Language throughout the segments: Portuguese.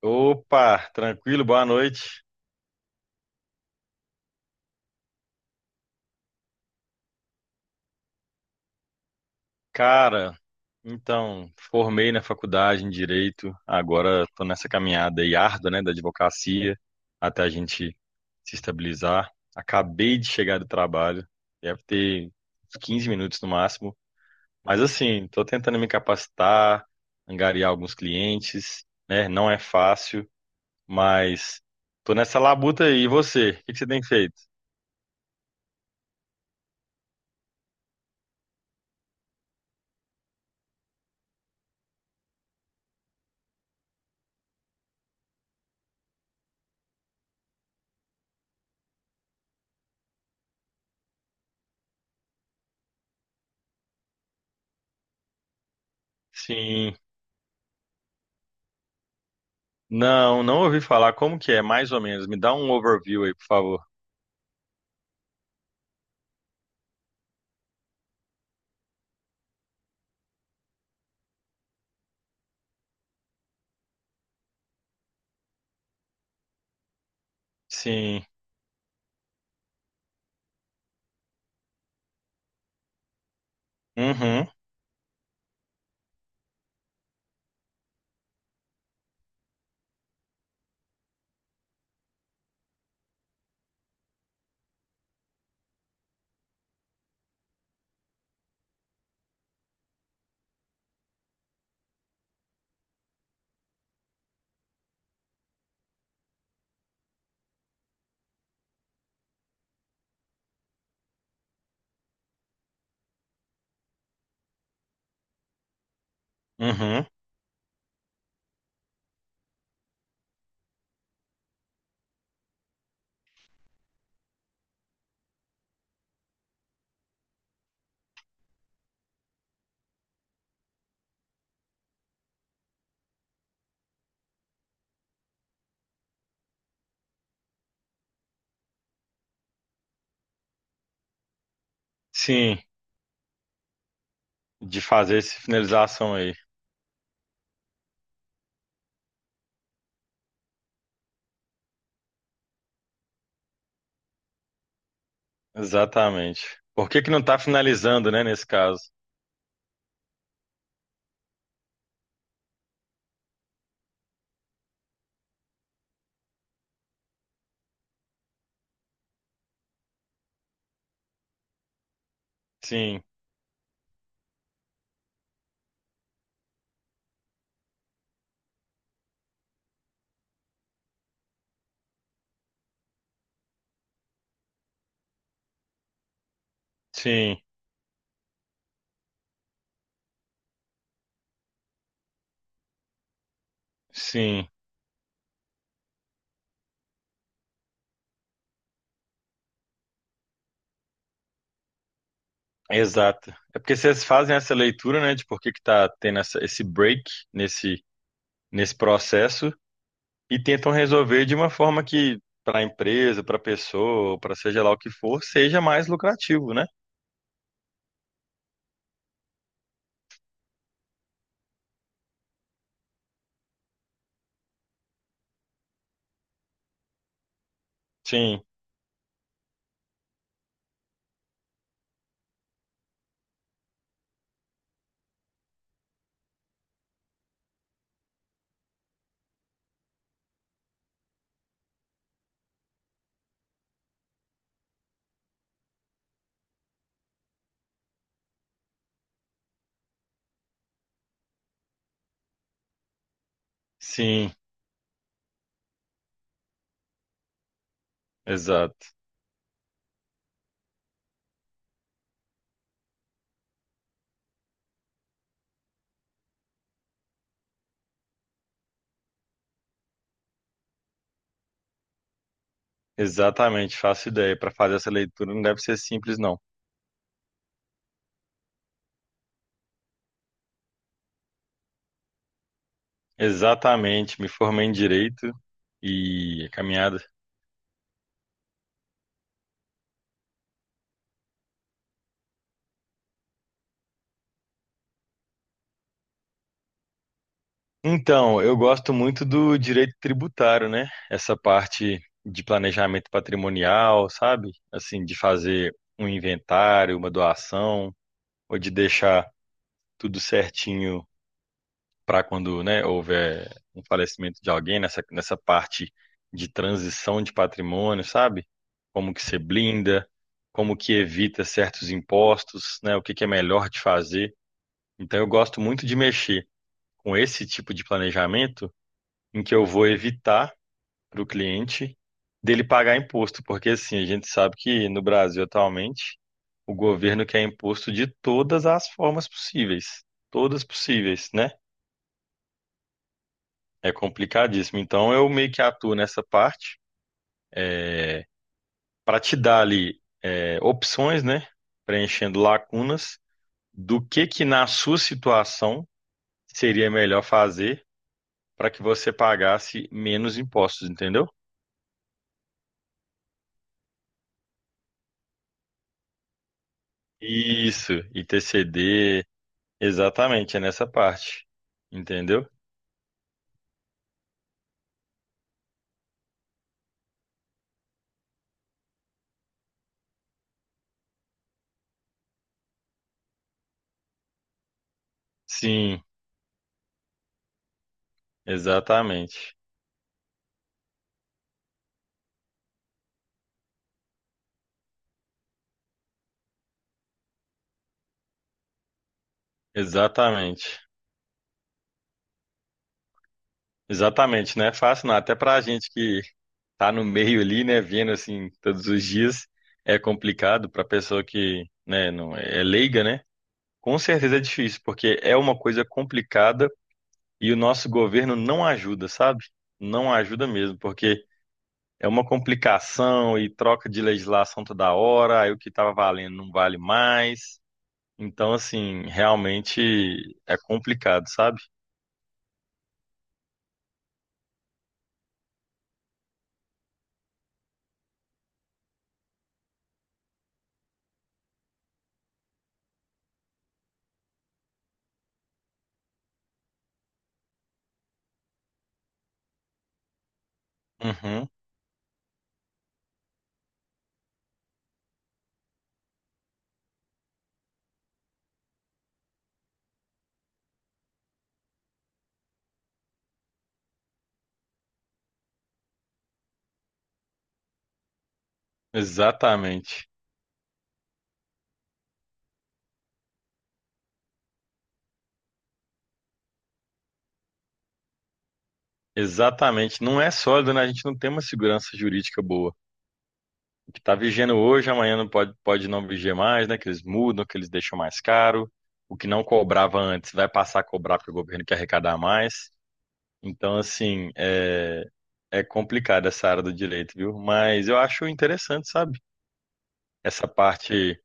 Opa, tranquilo, boa noite. Cara, então, formei na faculdade em Direito, agora tô nessa caminhada aí árdua, né, da advocacia, até a gente se estabilizar. Acabei de chegar do trabalho, deve ter uns 15 minutos no máximo, mas assim, tô tentando me capacitar, angariar alguns clientes, né, não é fácil, mas tô nessa labuta aí. E você, o que que você tem feito? Sim. Não, não ouvi falar. Como que é? Mais ou menos. Me dá um overview aí, por favor. Sim. Uhum. Uhum. Sim. De fazer essa finalização aí. Exatamente. Por que que não tá finalizando, né, nesse caso? Sim. Sim. Sim. Exato. É porque vocês fazem essa leitura, né, de por que que tá tendo esse break nesse, nesse processo e tentam resolver de uma forma que para a empresa, para a pessoa, para seja lá o que for, seja mais lucrativo, né? Sim. Sim. Exato. Exatamente, faço ideia. Para fazer essa leitura não deve ser simples, não. Exatamente, me formei em direito e a caminhada. Então, eu gosto muito do direito tributário, né? Essa parte de planejamento patrimonial, sabe? Assim, de fazer um inventário, uma doação, ou de deixar tudo certinho para quando, né, houver um falecimento de alguém nessa parte de transição de patrimônio, sabe? Como que se blinda, como que evita certos impostos, né? O que que é melhor de fazer. Então eu gosto muito de mexer com esse tipo de planejamento em que eu vou evitar para o cliente dele pagar imposto, porque assim, a gente sabe que no Brasil atualmente o governo quer imposto de todas as formas possíveis, todas possíveis, né? É complicadíssimo. Então eu meio que atuo nessa parte para te dar ali opções, né? Preenchendo lacunas do que na sua situação seria melhor fazer para que você pagasse menos impostos, entendeu? Isso, ITCD, exatamente, é nessa parte, entendeu? Sim, exatamente, exatamente, exatamente, não é fácil não, até para a gente que tá no meio ali, né, vendo assim todos os dias, é complicado para pessoa que, né, não é leiga, né? Com certeza é difícil, porque é uma coisa complicada e o nosso governo não ajuda, sabe? Não ajuda mesmo, porque é uma complicação e troca de legislação toda hora, aí o que estava valendo não vale mais. Então, assim, realmente é complicado, sabe? Uhum, exatamente. Exatamente. Não é sólido, né? A gente não tem uma segurança jurídica boa. Que tá vigiando hoje, amanhã não pode, pode não vigiar mais, né? Que eles mudam, que eles deixam mais caro. O que não cobrava antes vai passar a cobrar porque o governo quer arrecadar mais. Então, assim, é complicado essa área do direito, viu? Mas eu acho interessante, sabe? Essa parte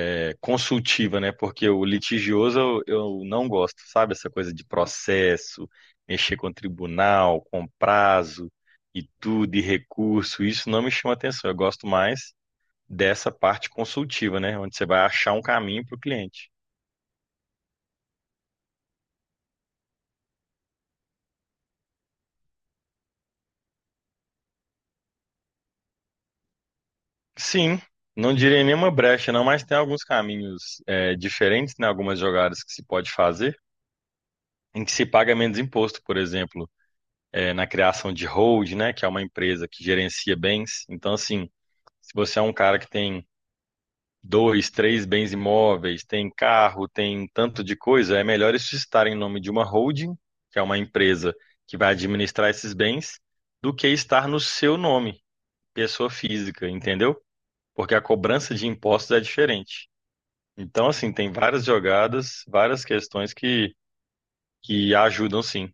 consultiva, né? Porque o litigioso eu não gosto, sabe? Essa coisa de processo, mexer com tribunal, com prazo e tudo, e recurso, isso não me chama atenção. Eu gosto mais dessa parte consultiva, né? Onde você vai achar um caminho para o cliente. Sim, não direi nenhuma brecha, não, mas tem alguns caminhos diferentes, né? Algumas jogadas que se pode fazer, em que se paga menos imposto, por exemplo, na criação de hold, né? Que é uma empresa que gerencia bens. Então, assim, se você é um cara que tem dois, três bens imóveis, tem carro, tem tanto de coisa, é melhor isso estar em nome de uma holding, que é uma empresa que vai administrar esses bens, do que estar no seu nome pessoa física, entendeu? Porque a cobrança de impostos é diferente. Então, assim, tem várias jogadas, várias questões que ajudam sim.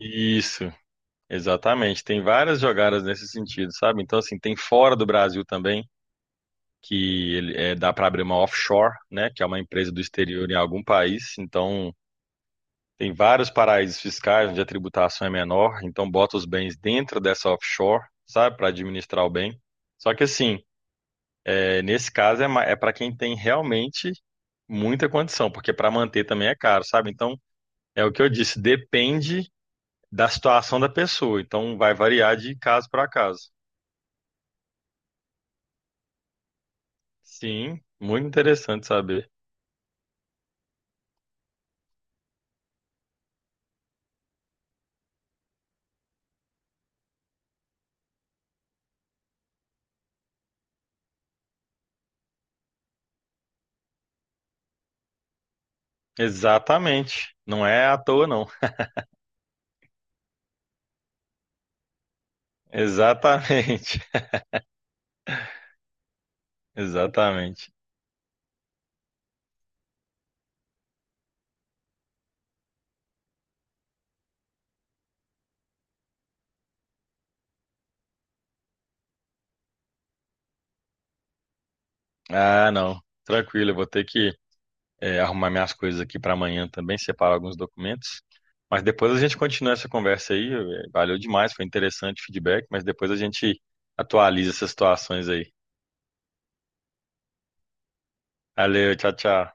Isso, exatamente. Tem várias jogadas nesse sentido, sabe? Então, assim, tem fora do Brasil também, que ele, dá para abrir uma offshore, né? Que é uma empresa do exterior em algum país. Então, tem vários paraísos fiscais onde a tributação é menor. Então, bota os bens dentro dessa offshore, sabe? Para administrar o bem. Só que, assim, Nesse caso é para quem tem realmente muita condição, porque para manter também é caro, sabe? Então, é o que eu disse, depende da situação da pessoa, então vai variar de caso para caso. Sim, muito interessante saber. Exatamente. Não é à toa, não. Exatamente. Exatamente. Ah, não. Tranquilo, eu vou ter que arrumar minhas coisas aqui para amanhã também, separar alguns documentos. Mas depois a gente continua essa conversa aí. Valeu demais, foi interessante o feedback, mas depois a gente atualiza essas situações aí. Valeu, tchau, tchau.